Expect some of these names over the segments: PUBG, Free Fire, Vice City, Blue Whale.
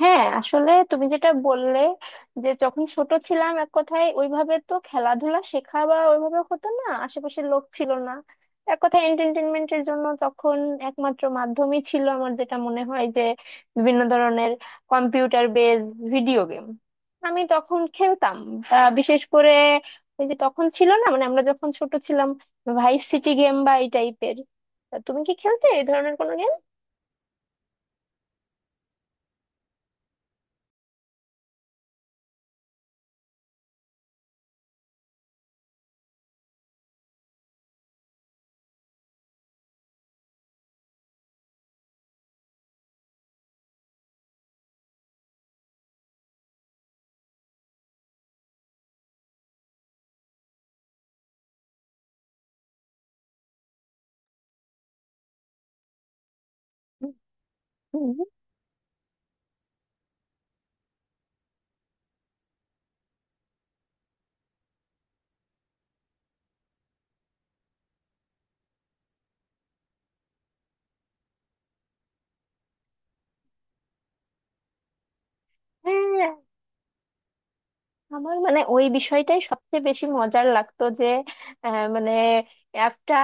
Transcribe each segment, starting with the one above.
হ্যাঁ, আসলে তুমি যেটা বললে যে যখন ছোট ছিলাম এক কথায় ওইভাবে তো খেলাধুলা শেখা বা ওইভাবে হতো না, আশেপাশের লোক ছিল না। এক কথায় এন্টারটেনমেন্টের জন্য তখন একমাত্র মাধ্যমই ছিল আমার, যেটা মনে হয় যে বিভিন্ন ধরনের কম্পিউটার বেজ ভিডিও গেম আমি তখন খেলতাম। বিশেষ করে ওই যে তখন ছিল না, মানে আমরা যখন ছোট ছিলাম, ভাইস সিটি গেম বা এই টাইপের। তুমি কি খেলতে এই ধরনের কোনো গেম? হ্যাঁ, আমার মানে ওই বিষয়টাই সবচেয়ে বেশি মজার লাগতো যে মানে একটা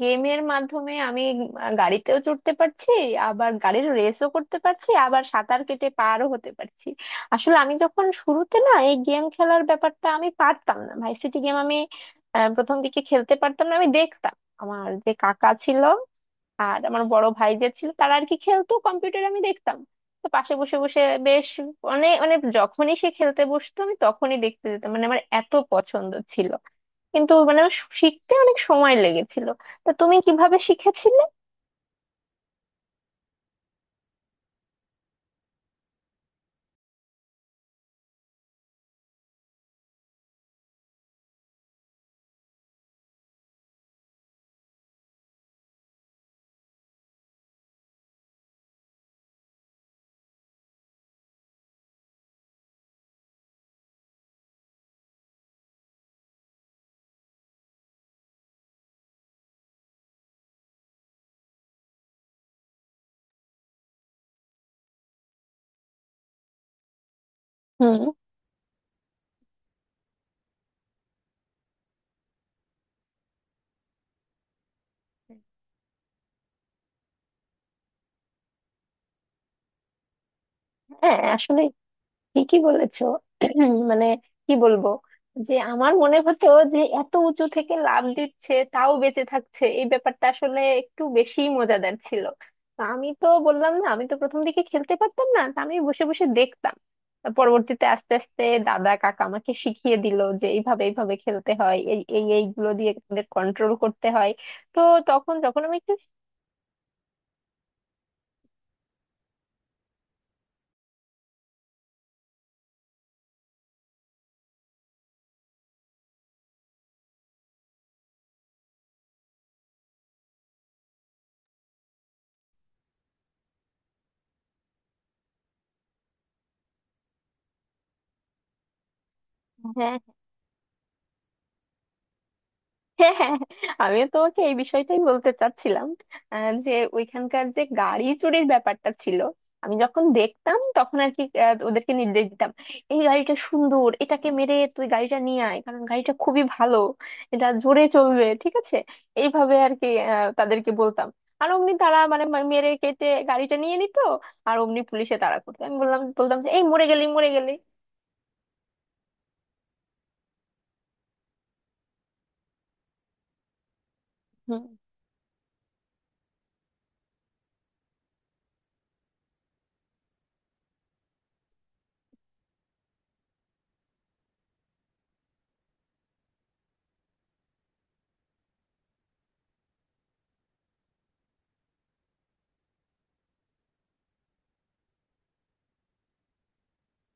গেমের মাধ্যমে আমি গাড়িতেও চড়তে পারছি, আবার গাড়ির রেসও করতে পারছি, আবার সাঁতার কেটে পারও হতে পারছি। আসলে আমি যখন শুরুতে, না এই গেম খেলার ব্যাপারটা আমি পারতাম না, ভার্সিটি গেম আমি প্রথম দিকে খেলতে পারতাম না। আমি দেখতাম আমার যে কাকা ছিল আর আমার বড় ভাই যে ছিল তারা আর কি খেলতো কম্পিউটার, আমি দেখতাম। তো পাশে বসে বসে বেশ অনেক, মানে যখনই সে খেলতে বসতো আমি তখনই দেখতে যেতাম, মানে আমার এত পছন্দ ছিল। কিন্তু মানে আমার শিখতে অনেক সময় লেগেছিল। তা তুমি কিভাবে শিখেছিলে? হুম। হ্যাঁ, আসলে ঠিকই বলেছো। মানে কি বলবো, যে আমার মনে হতো যে এত উঁচু থেকে লাফ দিচ্ছে তাও বেঁচে থাকছে, এই ব্যাপারটা আসলে একটু বেশি মজাদার ছিল। তো আমি তো বললাম না, আমি তো প্রথম দিকে খেলতে পারতাম না, তা আমি বসে বসে দেখতাম। তা পরবর্তীতে আস্তে আস্তে দাদা কাকা আমাকে শিখিয়ে দিল যে এইভাবে এইভাবে খেলতে হয়, এই এই এইগুলো দিয়ে তাদের কন্ট্রোল করতে হয়। তো তখন যখন আমি একটু, হ্যাঁ, হ্যাঁ, আমিও তোমাকে এই বিষয়টাই বলতে চাচ্ছিলাম। যে ওইখানকার যে গাড়ি চুরির ব্যাপারটা ছিল, আমি যখন দেখতাম তখন আর কি ওদেরকে নির্দেশ দিতাম, এই গাড়িটা সুন্দর, এটাকে মেরে তুই গাড়িটা নিয়ে আয়, কারণ গাড়িটা খুবই ভালো, এটা জোরে চলবে, ঠিক আছে। এইভাবে আর কি তাদেরকে বলতাম। আর অমনি তারা মানে মেরে কেটে গাড়িটা নিয়ে নিত। আর অমনি পুলিশে তাড়া করতো, আমি বলতাম যে এই মরে গেলি মরে গেলি। হুম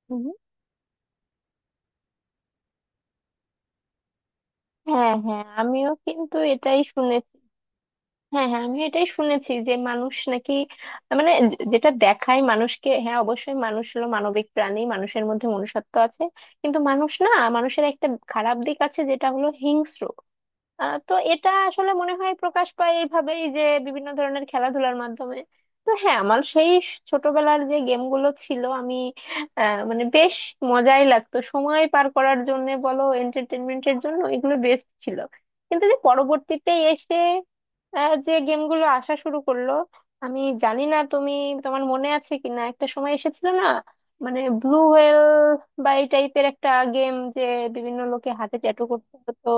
হুম। হ্যাঁ হ্যাঁ আমিও কিন্তু এটাই শুনেছি। হ্যাঁ হ্যাঁ আমি এটাই শুনেছি যে মানুষ নাকি, মানে যেটা দেখায় মানুষকে, হ্যাঁ অবশ্যই মানুষ হলো মানবিক প্রাণী, মানুষের মধ্যে মনুষ্যত্ব আছে। কিন্তু মানুষ না, মানুষের একটা খারাপ দিক আছে যেটা হলো হিংস্র। তো এটা আসলে মনে হয় প্রকাশ পায় এইভাবেই যে বিভিন্ন ধরনের খেলাধুলার মাধ্যমে। তো হ্যাঁ, আমার সেই ছোটবেলার যে গেমগুলো ছিল আমি মানে বেশ মজাই লাগতো। সময় পার করার জন্য বলো, এন্টারটেনমেন্টের জন্য এগুলো বেস্ট ছিল। কিন্তু যে পরবর্তীতে এসে যে গেমগুলো আসা শুরু করলো, আমি জানি না তুমি, তোমার মনে আছে কিনা, একটা সময় এসেছিল না, মানে ব্লু হোয়েল বা এই টাইপের একটা গেম যে বিভিন্ন লোকে হাতে ট্যাটু করতে হতো।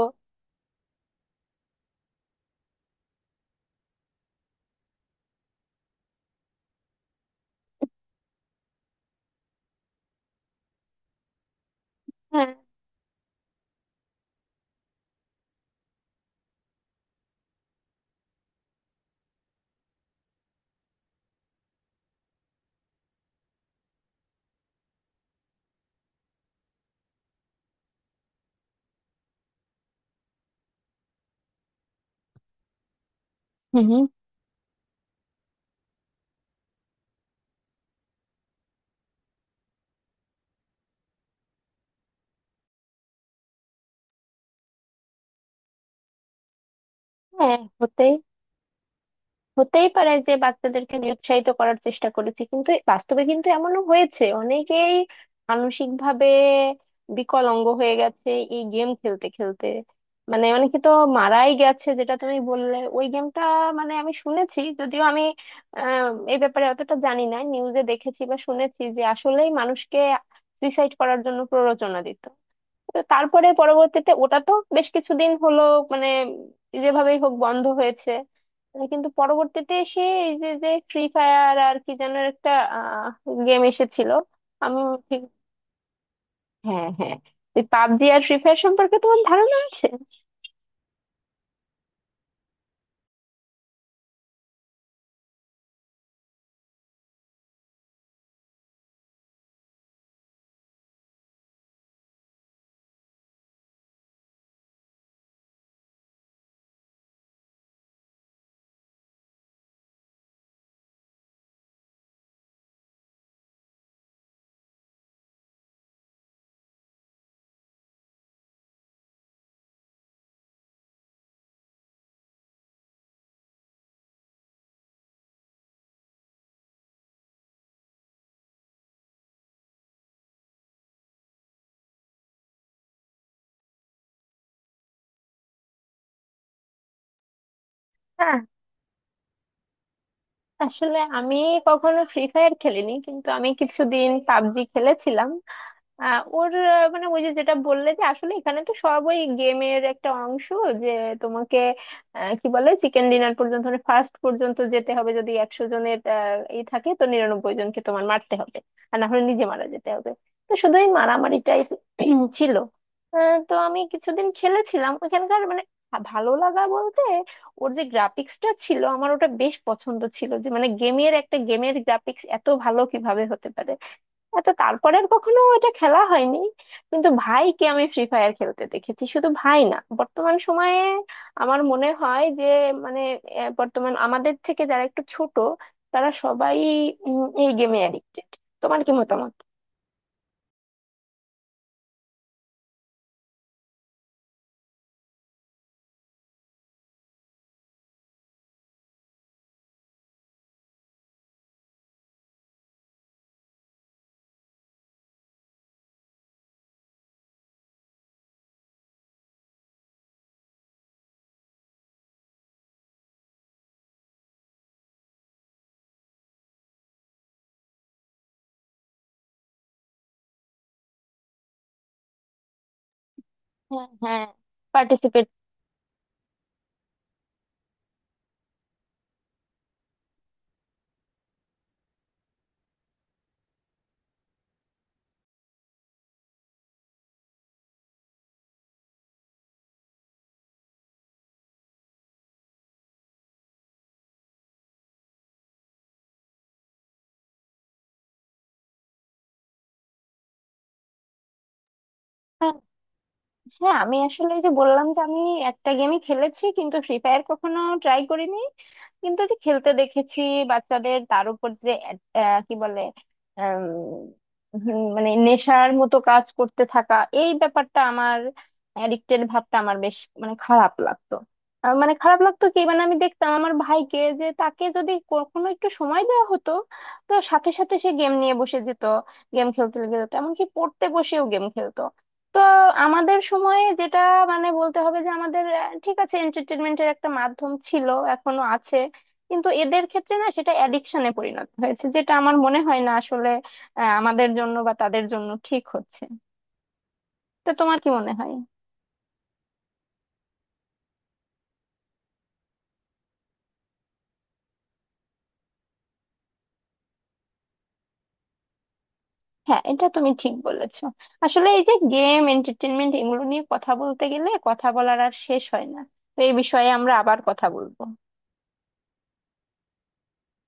হুম হুম। হ্যাঁ, হতেই হতেই পারে যে বাচ্চাদেরকে নিরুৎসাহিত করার চেষ্টা করেছি, কিন্তু বাস্তবে কিন্তু এমনও হয়েছে অনেকেই মানসিক ভাবে বিকলাঙ্গ হয়ে গেছে এই গেম খেলতে খেলতে। মানে অনেকে তো মারাই গেছে, যেটা তুমি বললে ওই গেমটা, মানে আমি শুনেছি, যদিও আমি আহ এই ব্যাপারে অতটা জানি না, নিউজে দেখেছি বা শুনেছি যে আসলেই মানুষকে সুইসাইড করার জন্য প্ররোচনা দিত। তো তারপরে পরবর্তীতে ওটা তো বেশ কিছুদিন হলো মানে যেভাবেই হোক বন্ধ হয়েছে। কিন্তু পরবর্তীতে এসে এই যে যে ফ্রি ফায়ার আর কি, যেন একটা গেম এসেছিল, আমি, ঠিক, হ্যাঁ হ্যাঁ এই পাবজি আর ফ্রি ফায়ার সম্পর্কে তোমার ধারণা আছে? হ্যাঁ, আসলে আমি কখনো ফ্রি ফায়ার খেলিনি, কিন্তু আমি কিছুদিন পাবজি খেলেছিলাম। ওর মানে ওই যে যেটা বললে যে আসলে এখানে তো সব ওই গেমের একটা অংশ যে তোমাকে কি বলে চিকেন ডিনার পর্যন্ত, মানে ফার্স্ট পর্যন্ত যেতে হবে, যদি 100 জনের ই থাকে তো 99 জনকে তোমার মারতে হবে, আর না হলে নিজে মারা যেতে হবে। তো শুধু এই মারামারিটাই ছিল। তো আমি কিছুদিন খেলেছিলাম ওখানকার মানে ভালো লাগা বলতে, ওর যে গ্রাফিক্সটা ছিল আমার ওটা বেশ পছন্দ ছিল, যে মানে গেমের একটা, গেমের গ্রাফিক্স এত ভালো কিভাবে হতে পারে। এত, তারপরে আর কখনো এটা খেলা হয়নি। কিন্তু ভাইকে আমি ফ্রি ফায়ার খেলতে দেখেছি, শুধু ভাই না, বর্তমান সময়ে আমার মনে হয় যে মানে বর্তমান আমাদের থেকে যারা একটু ছোট, তারা সবাই এই গেমে অ্যাডিক্টেড। তোমার কি মতামত? হ্যাঁ হ্যাঁ পার্টিসিপেট। হ্যাঁ, আমি আসলে এই যে বললাম যে আমি একটা গেমই খেলেছি, কিন্তু ফ্রি ফায়ার কখনো ট্রাই করিনি, কিন্তু ওটি খেলতে দেখেছি বাচ্চাদের, তার উপর যে আহ, কি বলে, আম, হুম, মানে নেশার মতো কাজ করতে থাকা, এই ব্যাপারটা আমার অ্যাডিক্টেড ভাবটা আমার বেশ মানে খারাপ লাগতো। মানে খারাপ লাগতো কি মানে, আমি দেখতাম আমার ভাইকে যে তাকে যদি কখনো একটু সময় দেওয়া হতো তো সাথে সাথে সে গেম নিয়ে বসে যেত, গেম খেলতে লেগে যেত, এমনকি পড়তে বসেও গেম খেলতো। তো আমাদের সময়ে যেটা মানে বলতে হবে যে আমাদের, ঠিক আছে, এন্টারটেনমেন্টের একটা মাধ্যম ছিল, এখনো আছে। কিন্তু এদের ক্ষেত্রে না সেটা অ্যাডিকশনে পরিণত হয়েছে, যেটা আমার মনে হয় না আসলে আমাদের জন্য বা তাদের জন্য ঠিক হচ্ছে। তো তোমার কি মনে হয়? হ্যাঁ, এটা তুমি ঠিক বলেছো। আসলে এই যে গেম, এন্টারটেনমেন্ট এগুলো নিয়ে কথা বলতে গেলে কথা বলার আর শেষ হয় না। তো এই বিষয়ে আমরা আবার কথা বলবো।